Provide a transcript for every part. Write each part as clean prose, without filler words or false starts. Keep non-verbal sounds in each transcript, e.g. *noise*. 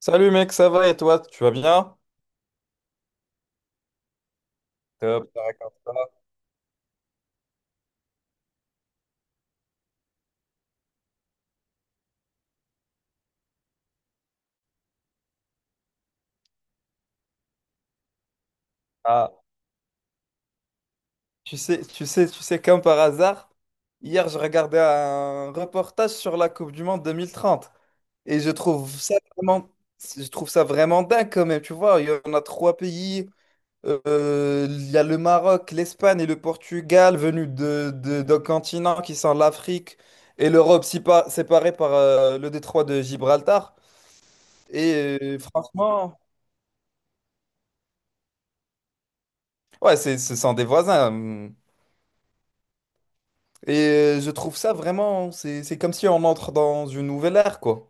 Salut mec, ça va et toi, tu vas bien? Top, ça raconte pas. Ah, tu sais, tu sais, tu sais, comme par hasard, hier je regardais un reportage sur la Coupe du Monde 2030 et je trouve ça vraiment dingue quand même, tu vois, il y en a trois pays, il y a le Maroc, l'Espagne et le Portugal venus d'un continent qui sont l'Afrique et l'Europe séparée par le détroit de Gibraltar et franchement... Ouais, ce sont des voisins. Hmm. Et je trouve ça vraiment, c'est comme si on entre dans une nouvelle ère, quoi.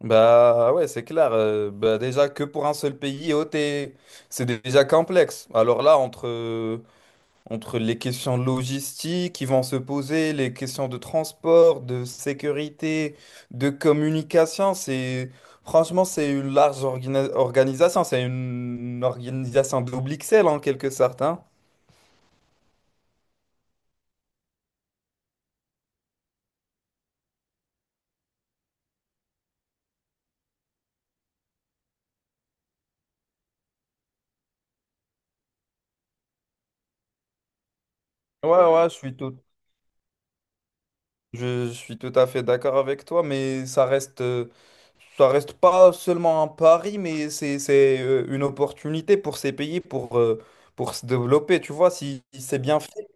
Bah ouais, c'est clair. Bah déjà que pour un seul pays, oh, c'est déjà complexe. Alors là, entre les questions logistiques qui vont se poser, les questions de transport, de sécurité, de communication, c'est franchement, c'est une large organisation. C'est une organisation double XL en quelque sorte, hein. Ouais, ouais, Je suis tout à fait d'accord avec toi, mais ça reste pas seulement un pari, mais c'est une opportunité pour ces pays pour se développer. Tu vois, si c'est bien fait.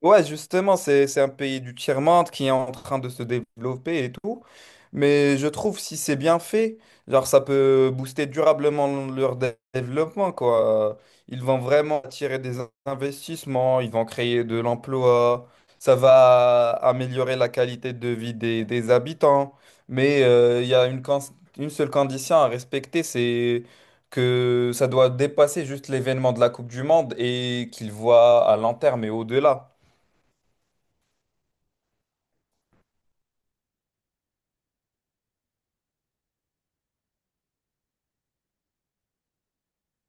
Ouais, justement, c'est un pays du tiers-monde qui est en train de se développer et tout. Mais je trouve si c'est bien fait, genre ça peut booster durablement leur développement, quoi. Ils vont vraiment attirer des investissements, ils vont créer de l'emploi, ça va améliorer la qualité de vie des habitants. Mais il y a une seule condition à respecter, c'est que ça doit dépasser juste l'événement de la Coupe du Monde et qu'ils voient à long terme et au-delà.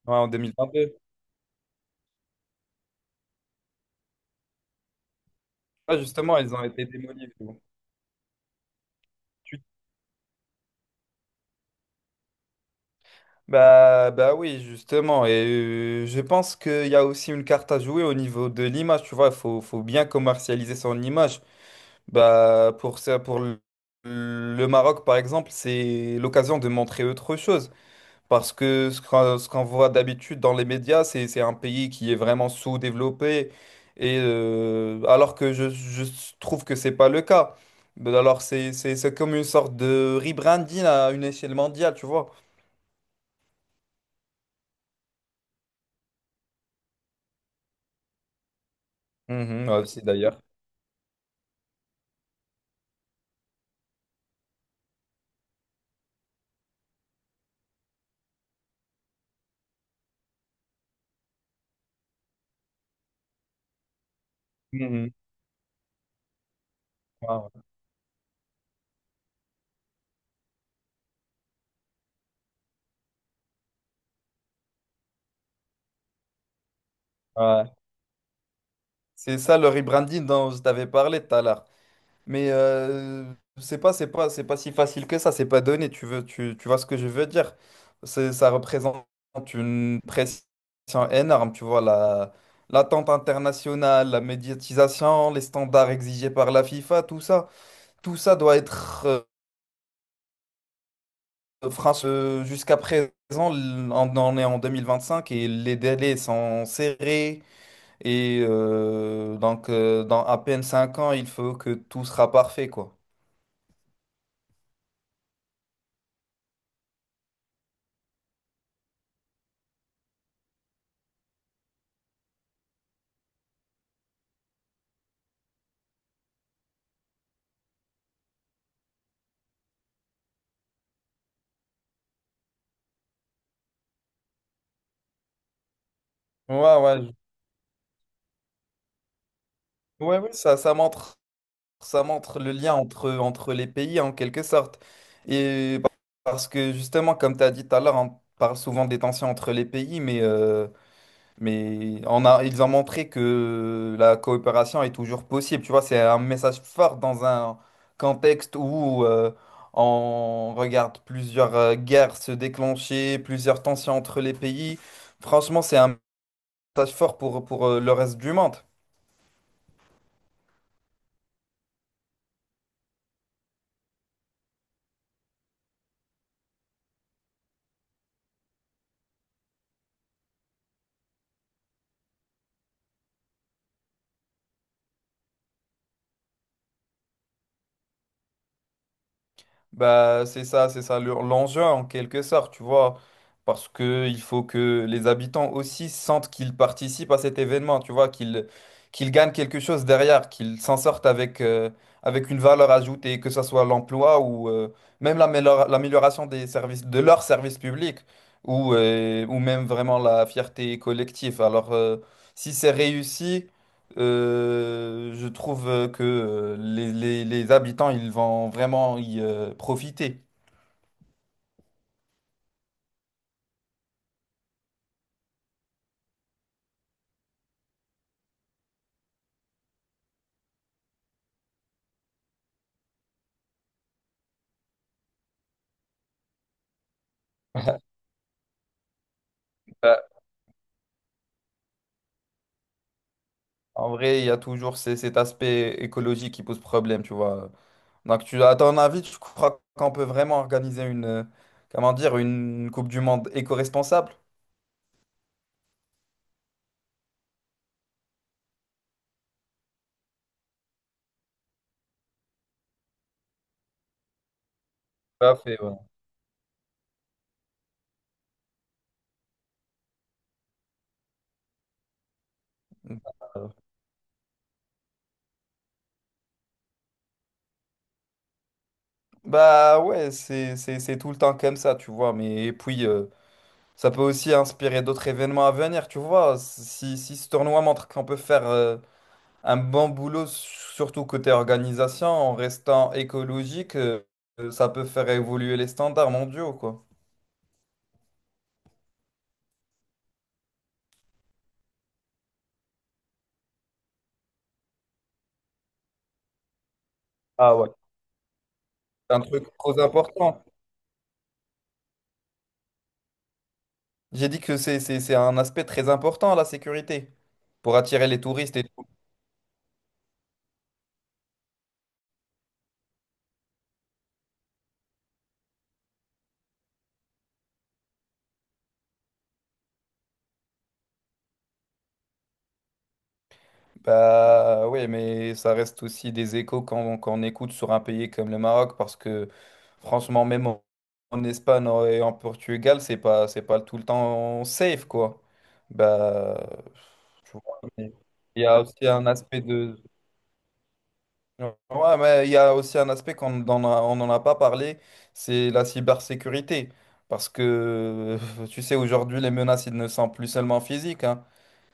Ouais, en 2022. Ah, justement, ils ont été démolis. Mais bon. Tu- bah, oui, justement. Et je pense qu'il y a aussi une carte à jouer au niveau de l'image. Tu vois, il faut bien commercialiser son image. Bah, pour ça, pour le Maroc, par exemple, c'est l'occasion de montrer autre chose. Parce que ce qu'on voit d'habitude dans les médias, c'est un pays qui est vraiment sous-développé, et alors que je trouve que c'est pas le cas. Mais alors c'est comme une sorte de rebranding à une échelle mondiale, tu vois. Mhm, ouais, aussi d'ailleurs. Mhm. Ouais, ouais. Ouais. C'est ça le rebranding dont je t'avais parlé tout à l'heure. Mais c'est pas si facile que ça, c'est pas donné, tu vois ce que je veux dire. Ça représente une pression énorme, tu vois, l'attente internationale, la médiatisation, les standards exigés par la FIFA, tout ça doit être, France, jusqu'à présent, on en est en 2025 et les délais sont serrés. Et donc, dans à peine 5 ans, il faut que tout sera parfait, quoi. Ouais, ouais, ouais, ouais, ça montre le lien entre les pays en quelque sorte. Et parce que justement, comme tu as dit tout à l'heure, on parle souvent des tensions entre les pays, mais ils ont montré que la coopération est toujours possible. Tu vois, c'est un message fort dans un contexte où on regarde plusieurs guerres se déclencher, plusieurs tensions entre les pays. Franchement, c'est un message fort pour le reste du monde. Bah, c'est ça l'enjeu en quelque sorte, tu vois, parce que il faut que les habitants aussi sentent qu'ils participent à cet événement, tu vois, qu'ils gagnent quelque chose derrière, qu'ils s'en sortent avec une valeur ajoutée, que ce soit l'emploi ou même l'amélioration des services, de leurs services publics, ou même vraiment la fierté collective. Alors, si c'est réussi... je trouve que les habitants, ils vont vraiment y profiter. *laughs* Euh, En vrai, il y a toujours cet aspect écologique qui pose problème, tu vois. Donc, à ton avis, tu crois qu'on peut vraiment organiser une Coupe du Monde éco-responsable? Tout à fait, ouais. Euh, Bah ouais, c'est tout le temps comme ça, tu vois. Mais et puis, ça peut aussi inspirer d'autres événements à venir, tu vois. Si ce tournoi montre qu'on peut faire un bon boulot, surtout côté organisation, en restant écologique, ça peut faire évoluer les standards mondiaux, quoi. Ah ouais. C'est un truc trop important. J'ai dit que c'est un aspect très important, la sécurité, pour attirer les touristes et tout. Bah oui, mais ça reste aussi des échos quand on écoute sur un pays comme le Maroc, parce que franchement, même en Espagne et en Portugal, c'est pas tout le temps safe, quoi. Bah, tu vois, mais il y a aussi un aspect de... Ouais, mais il y a aussi un aspect qu'on n'en a pas parlé, c'est la cybersécurité. Parce que, *laughs* tu sais, aujourd'hui, les menaces, elles ne sont plus seulement physiques, hein,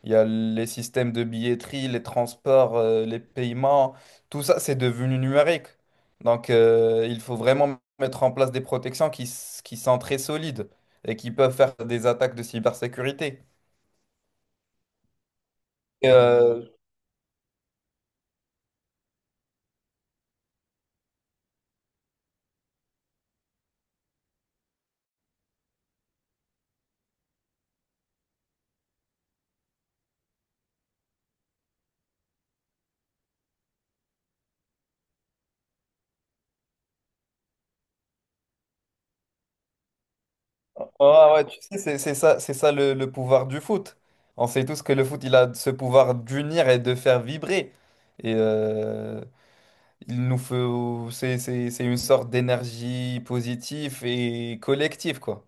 il y a les systèmes de billetterie, les transports, les paiements, tout ça, c'est devenu numérique. Donc, il faut vraiment mettre en place des protections qui sont très solides et qui peuvent faire des attaques de cybersécurité. Et, euh, oh, ah ouais, tu sais, c'est ça le pouvoir du foot. On sait tous que le foot, il a ce pouvoir d'unir et de faire vibrer. Et il nous faut, c'est une sorte d'énergie positive et collective, quoi.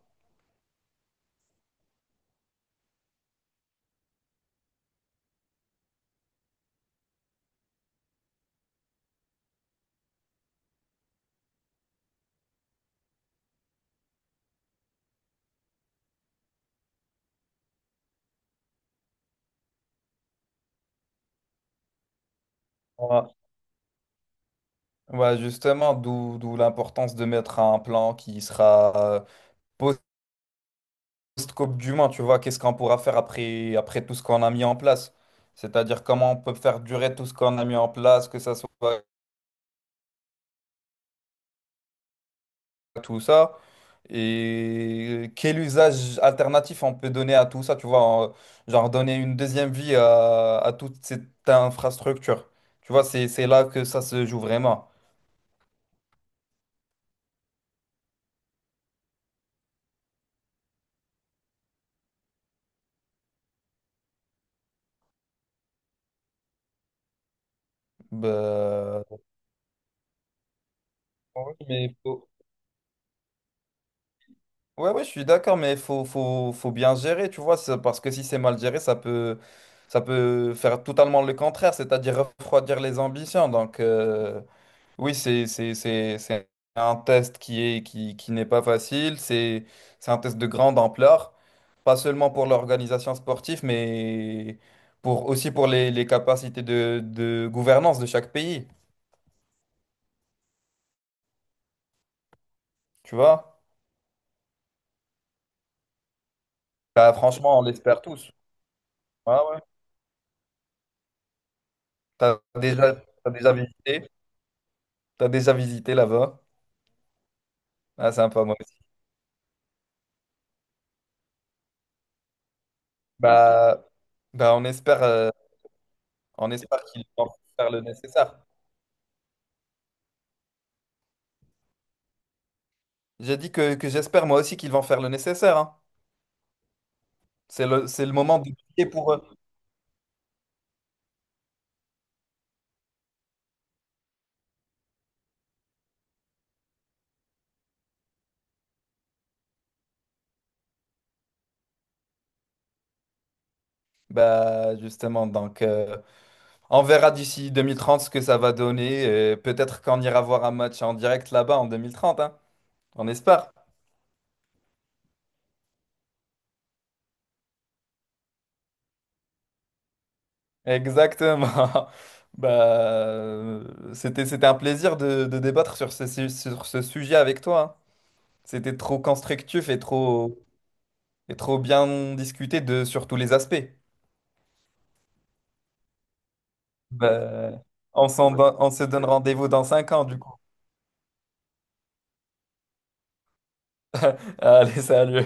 Ouais, justement, d'où l'importance de mettre un plan qui sera euh, post-Coupe du Monde, tu vois, qu'est-ce qu'on pourra faire après tout ce qu'on a mis en place. C'est-à-dire comment on peut faire durer tout ce qu'on a mis en place, que ça soit tout ça, et quel usage alternatif on peut donner à tout ça, tu vois, genre donner une deuxième vie à toute cette infrastructure. Tu vois, c'est là que ça se joue vraiment. Bah, Oui, mais faut- Ouais, ouais, je suis d'accord, mais faut bien gérer, tu vois, parce que si c'est mal géré, ça peut faire totalement le contraire, c'est-à-dire refroidir les ambitions. Donc, oui, c'est un test qui n'est pas facile, c'est un test de grande ampleur, pas seulement pour l'organisation sportive, mais aussi pour les capacités de gouvernance de chaque pays, tu vois. Bah, franchement, on l'espère tous. Ouais, ouais. T'as déjà, t'as déjà visité? T'as déjà visité là-bas? Ah, sympa, moi aussi. Ouais. Bah, bah, on espère qu'ils vont faire le nécessaire. J'ai dit que j'espère moi aussi qu'ils vont faire le nécessaire, hein. C'est le moment de prier pour eux. Bah, justement, donc, on verra d'ici 2030 ce que ça va donner. Et peut-être qu'on ira voir un match en direct là-bas en 2030, hein. On espère. Exactement. *laughs* Bah, c'était un plaisir de débattre sur ce sujet avec toi, hein. C'était trop constructif et trop bien discuté sur tous les aspects. Bah, on se donne rendez-vous dans 5 ans, du coup. *laughs* Allez, salut.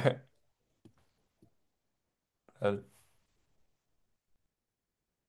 Allez.